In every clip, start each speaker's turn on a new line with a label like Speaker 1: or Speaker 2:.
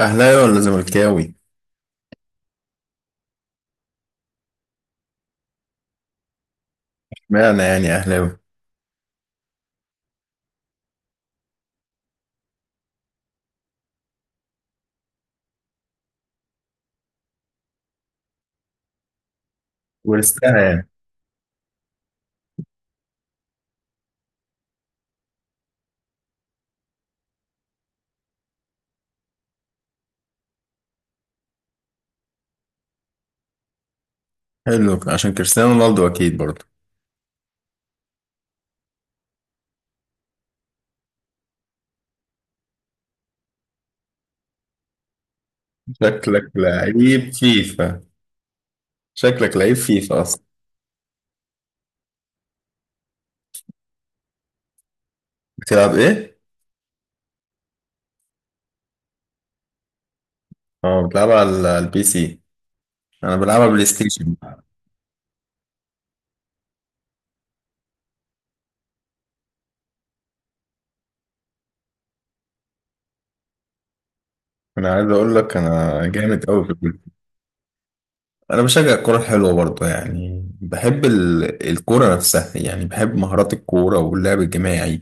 Speaker 1: أهلاوي ولا زملكاوي؟ اشمعنى يعني أهلاوي؟ ورثتها يعني. حلو عشان كريستيانو رونالدو أكيد برضه. شكلك لعيب فيفا. شكلك لعيب فيفا أصلا. بتلعب إيه؟ أه بتلعب على البي سي. أنا بلعبها بلاي ستيشن. أنا عايز أقول لك أنا جامد أوي في الكورة. أنا بشجع الكورة الحلوة برضه، يعني بحب الكورة نفسها، يعني بحب مهارات الكورة واللعب الجماعي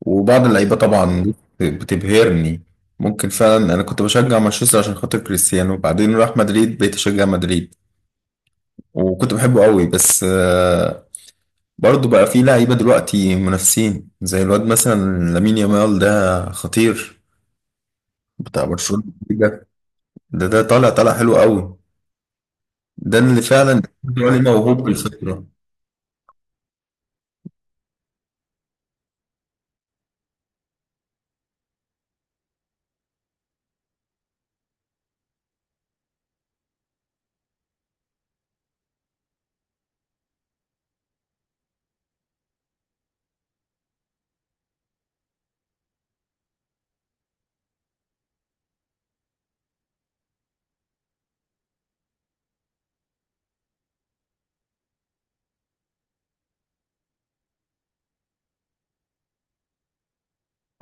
Speaker 1: وبعض اللعيبه طبعا، بتبهرني. ممكن فعلا انا كنت بشجع مانشستر عشان خاطر كريستيانو، وبعدين راح مدريد بقيت اشجع مدريد وكنت بحبه قوي. بس آه، برضه بقى في لعيبه دلوقتي منافسين زي الواد مثلا لامين يامال، ده خطير، بتاع برشلونه. ده ده طالع حلو قوي. ده اللي فعلا ده عليه موهوب بالفطره.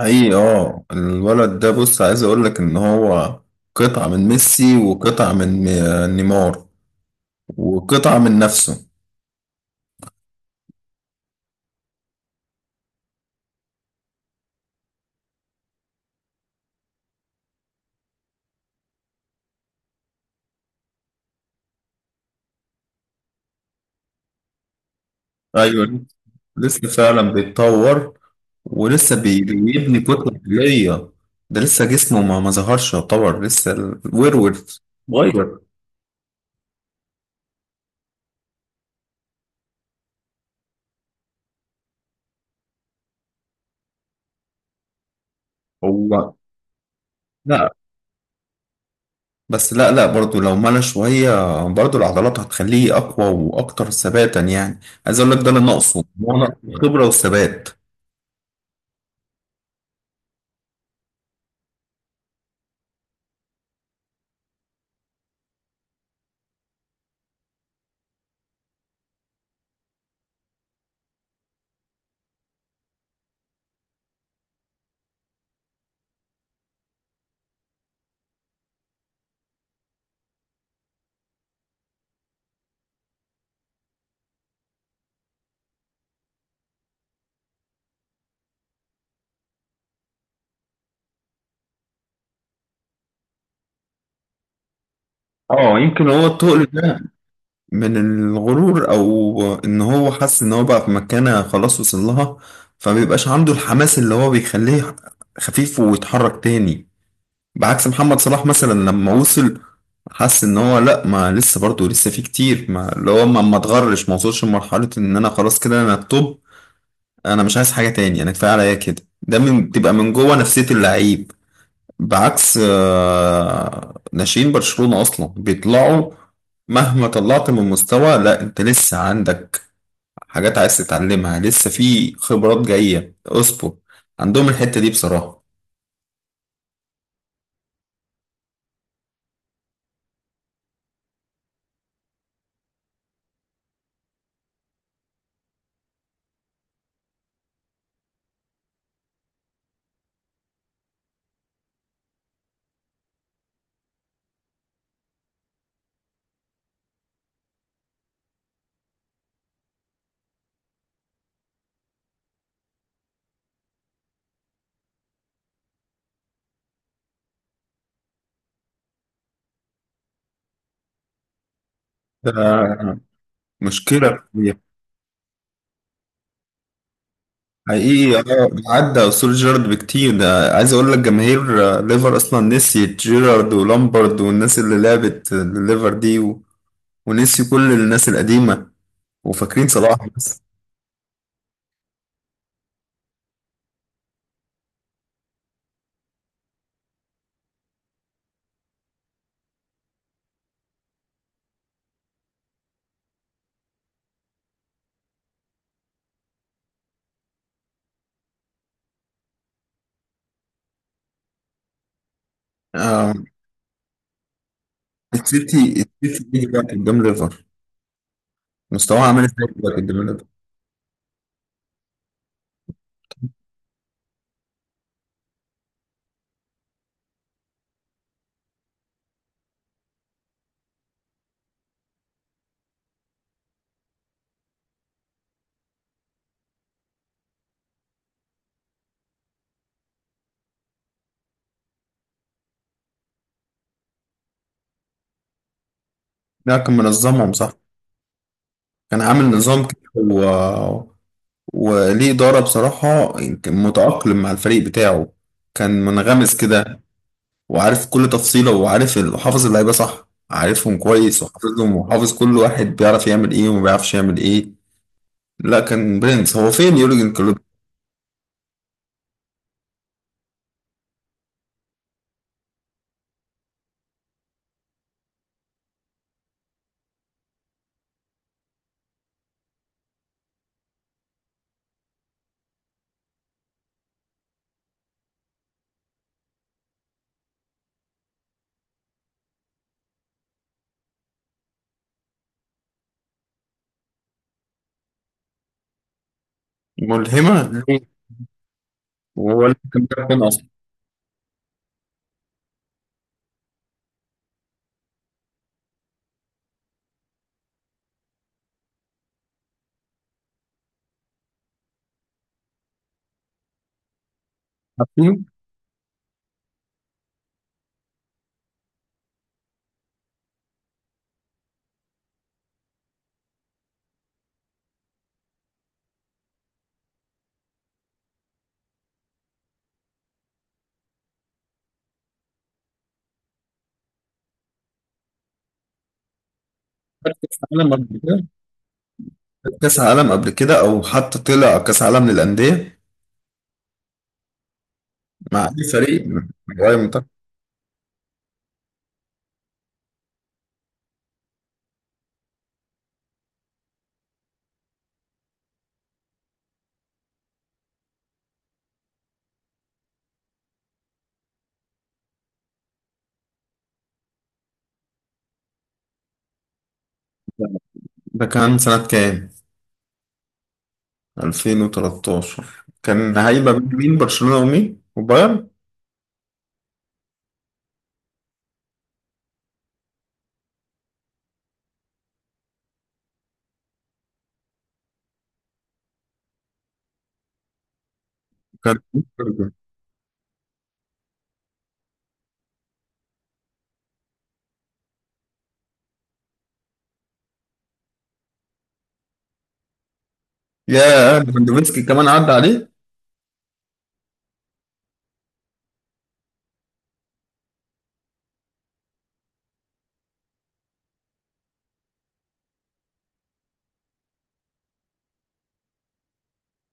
Speaker 1: حقيقي اه الولد ده، بص عايز اقول لك ان هو قطعه من ميسي، وقطعه من نيمار، وقطعه من نفسه. ايوه لسه فعلا بيتطور، ولسه بيبني كتلة عضلية. ده لسه جسمه ما ظهرش، يعتبر لسه الورور صغير. هو لا، بس لا لا برضو لو ملى شوية برضو العضلات هتخليه أقوى وأكتر ثباتا، يعني عايز أقول لك ده اللي ناقصه، هو ناقصه خبرة وثبات. اه يمكن هو التقل ده من الغرور او ان هو حس ان هو بقى في مكانة خلاص وصل لها، فمبيبقاش عنده الحماس اللي هو بيخليه خفيف ويتحرك تاني. بعكس محمد صلاح مثلا، لما وصل حس ان هو لا، ما لسه برضه لسه في كتير، ما اللي هو ما اتغرش، ما وصلش لمرحلة ان انا خلاص كده انا التوب، انا مش عايز حاجة تاني، انا كفاية عليا كده. ده من بتبقى من جوه نفسية اللعيب. بعكس ناشئين برشلونة أصلا بيطلعوا مهما طلعت من مستوى لا أنت لسه عندك حاجات عايز تتعلمها، لسه في خبرات جاية اصبر. عندهم الحتة دي بصراحة. ده مشكلة كبيرة. حقيقي اه، عدى أسطورة جيرارد بكتير. ده عايز أقول لك جماهير ليفر أصلا نسيت جيرارد ولامبرد والناس اللي لعبت ليفر دي ونسيوا كل الناس القديمة وفاكرين صلاح بس. آه، السيتي، السيتي ايه دلوقتي قدام ليفر؟ مستواه عامل ازاي دلوقتي قدام ليفر؟ لا كان منظمهم صح، كان عامل نظام كده وليه إدارة بصراحة. كان متأقلم مع الفريق بتاعه، كان منغمس كده وعارف كل تفصيلة وعارف وحافظ اللعيبة صح، عارفهم كويس وحافظهم، وحافظ كل واحد بيعرف يعمل ايه وما بيعرفش يعمل ايه. لا كان برنس. هو فين يورجن كلوب؟ ملهمة ليه؟ وهو اللي كان بيعرف يكون أصلا؟ عارفينه؟ عارف كأس العالم؟ كاس عالم قبل كده، او حتى طلع كاس عالم للانديه؟ مع اي فريق من غير منتخب؟ ده كان سنه كام؟ 2013 كان هيبقى بين مين؟ برشلونه ومين وبايرن؟ كان. يا ليفاندوفسكي كمان عدى عليه.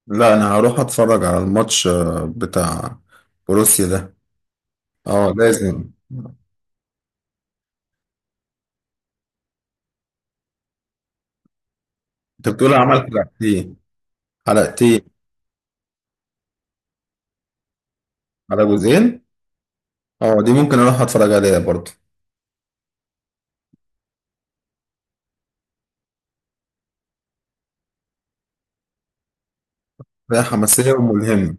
Speaker 1: لا انا هروح اتفرج على الماتش بتاع بروسيا ده. اه لازم. انت بتقول عمل حلقتين؟ حلقتين على جزئين؟ اه دي ممكن اروح اتفرج عليها برضه. هي حماسيه وملهمه.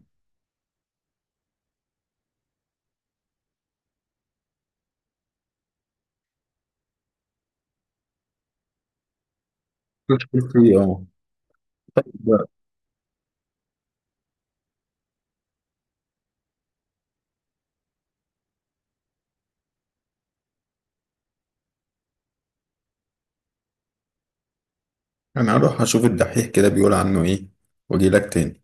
Speaker 1: تشكر فيه اه. انا هروح اشوف الدحيح كده بيقول عنه ايه، واجي لك تاني.